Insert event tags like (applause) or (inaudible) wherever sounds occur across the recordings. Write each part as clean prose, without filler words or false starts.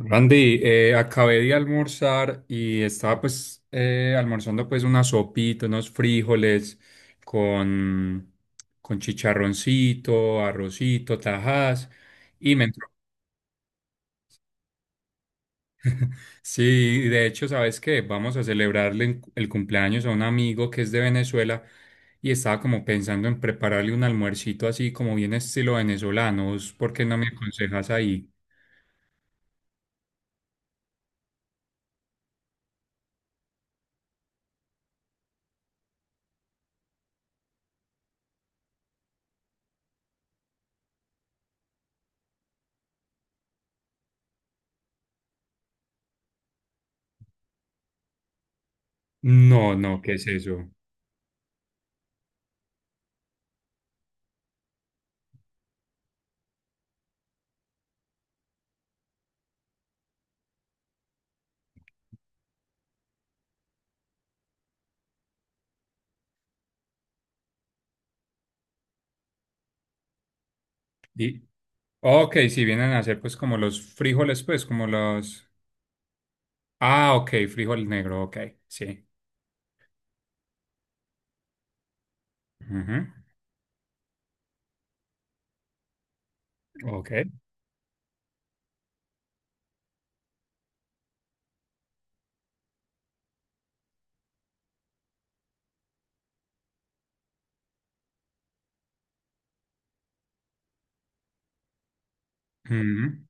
Randy, acabé de almorzar y estaba pues almorzando pues una sopita, unos frijoles con, con chicharroncito, arrocito, tajas y me entró. (laughs) Sí, de hecho, ¿sabes qué? Vamos a celebrarle el cumpleaños a un amigo que es de Venezuela y estaba como pensando en prepararle un almuercito así como bien estilo venezolano. ¿Vos ¿Por qué no me aconsejas ahí? No, no, ¿qué es eso? Ok, si vienen a hacer pues como los frijoles, pues como los... Ah, ok, frijol negro, ok, sí. Ujú. Ok. Ujú,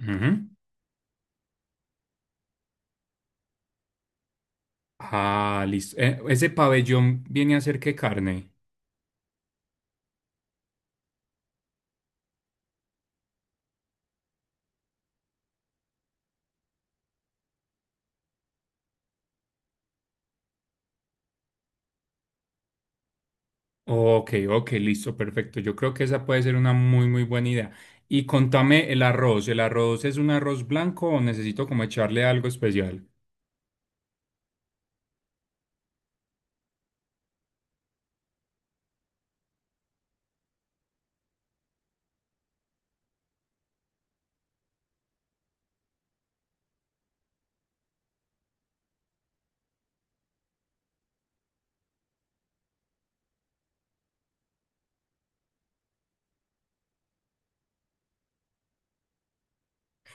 ujú. Ah, listo. ¿Ese pabellón viene a ser qué carne? Ok, ok, listo, perfecto. Yo creo que esa puede ser una muy, muy buena idea. Y contame el arroz. ¿El arroz es un arroz blanco o necesito como echarle algo especial?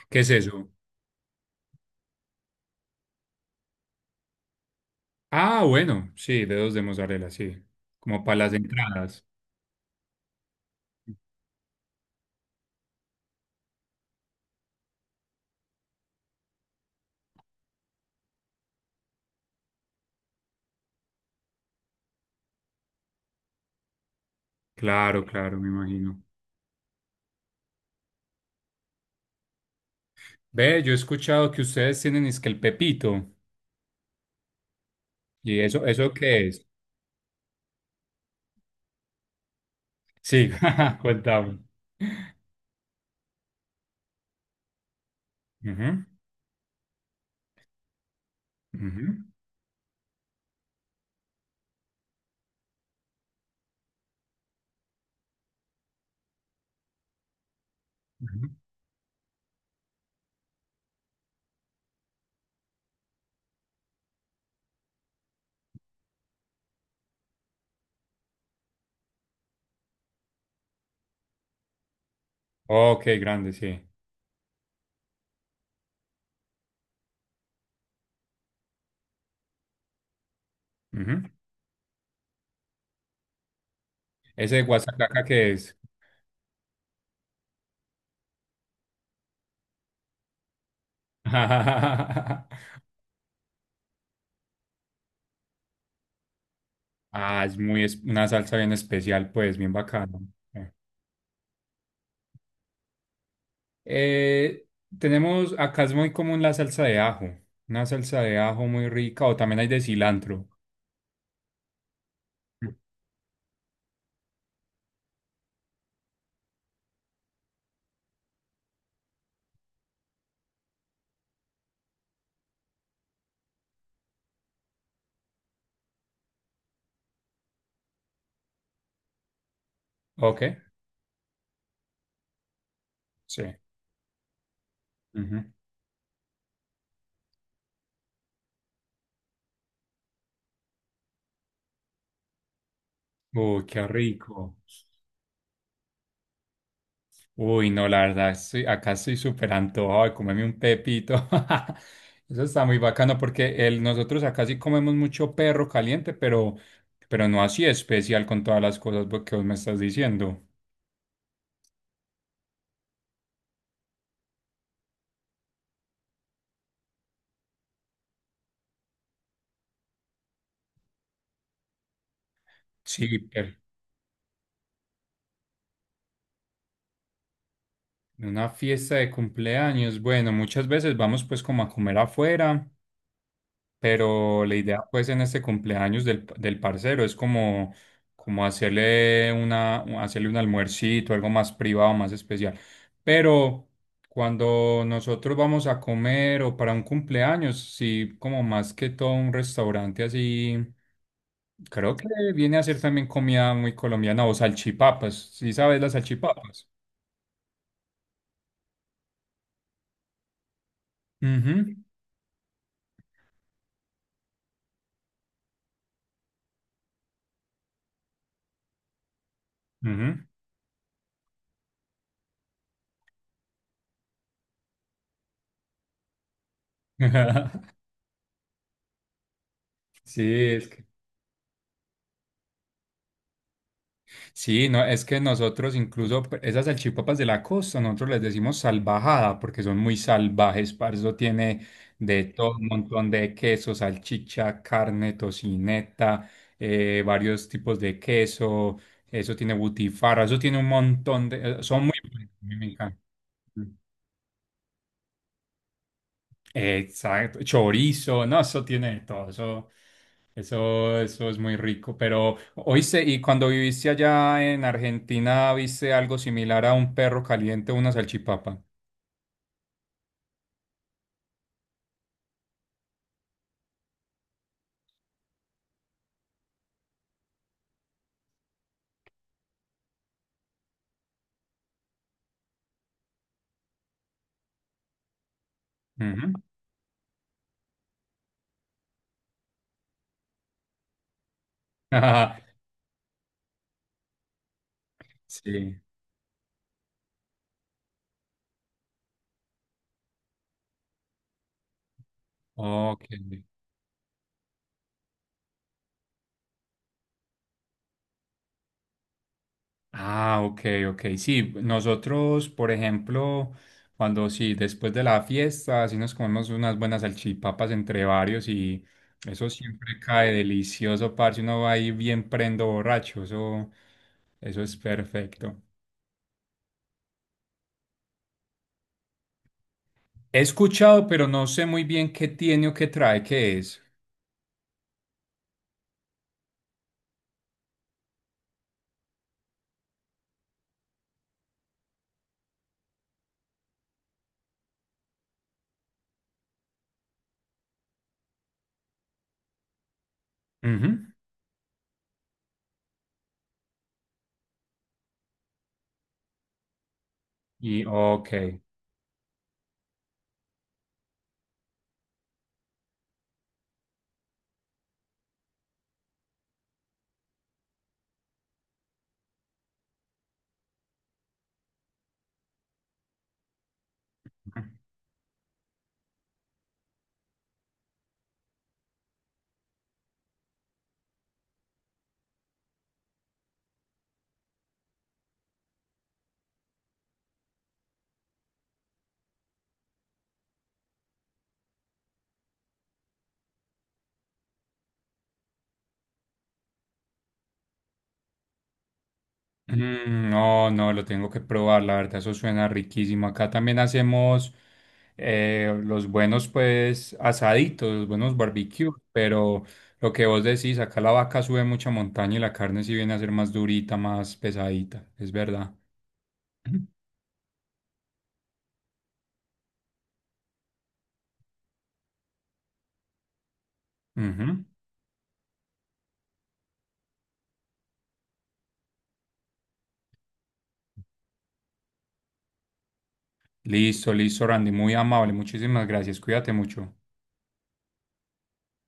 ¿Qué es eso? Ah, bueno, sí, dedos de mozzarella, sí. Como para las entradas. Claro, claro, me imagino. Ve, yo he escuchado que ustedes tienen es que el Pepito. ¿Y eso qué es? Sí, (laughs) cuéntame. Ujú, ujú, ujú. Ok, grande, sí. Ujú. Ese de guasacaca qué es. (laughs) Ah, una salsa bien especial, pues, bien bacana. Eh, eh, tenemos, acá es muy común la salsa de ajo. Una salsa de ajo muy rica, o también hay de cilantro. Ok, sí. Ujú. Uy, qué rico. Uy, no, la verdad, estoy, acá estoy súper antojado de comerme un pepito. (laughs) Eso está muy bacano porque el, nosotros acá sí comemos mucho perro caliente, pero no así especial con todas las cosas que vos me estás diciendo. Sí, pero en una fiesta de cumpleaños, bueno, muchas veces vamos pues como a comer afuera. Pero la idea, pues, en este cumpleaños del, del parcero es como, como hacerle una, hacerle un almuercito, algo más privado, más especial. Pero cuando nosotros vamos a comer o para un cumpleaños, sí, como más que todo un restaurante así, creo que viene a ser también comida muy colombiana o salchipapas. ¿Sí sabes las salchipapas? Ujú, ujú. (laughs) Sí, es que Sí, no, es que nosotros incluso esas salchipapas de la costa, nosotros les decimos salvajada porque son muy salvajes, parce, eso tiene de todo un montón de queso, salchicha, carne, tocineta, varios tipos de queso, eso tiene butifarra, eso tiene un montón de, son muy buenas, a mí me encanta. Exacto, chorizo, no, eso tiene de todo, eso es muy rico. Pero, oíste, y cuando viviste allá en Argentina, ¿viste algo similar a un perro caliente o una salchipapa? Ujú. (laughs) Ah, sí, ok. Ah, ok, ok. Sí, nosotros, por ejemplo, cuando sí, después de la fiesta, sí nos comemos unas buenas salchipapas entre varios y eso siempre cae delicioso, parce. Uno va ahí bien prendo borracho, eso es perfecto. He escuchado, pero no sé muy bien qué tiene o qué trae, qué es. Ujú. Y ok. No, no, lo tengo que probar, la verdad, eso suena riquísimo. Acá también hacemos los buenos, pues, asaditos, los buenos barbecues, pero lo que vos decís, acá la vaca sube mucha montaña y la carne sí viene a ser más durita, más pesadita, es verdad. Ujú. Listo, listo, Randy, muy amable, muchísimas gracias, cuídate mucho.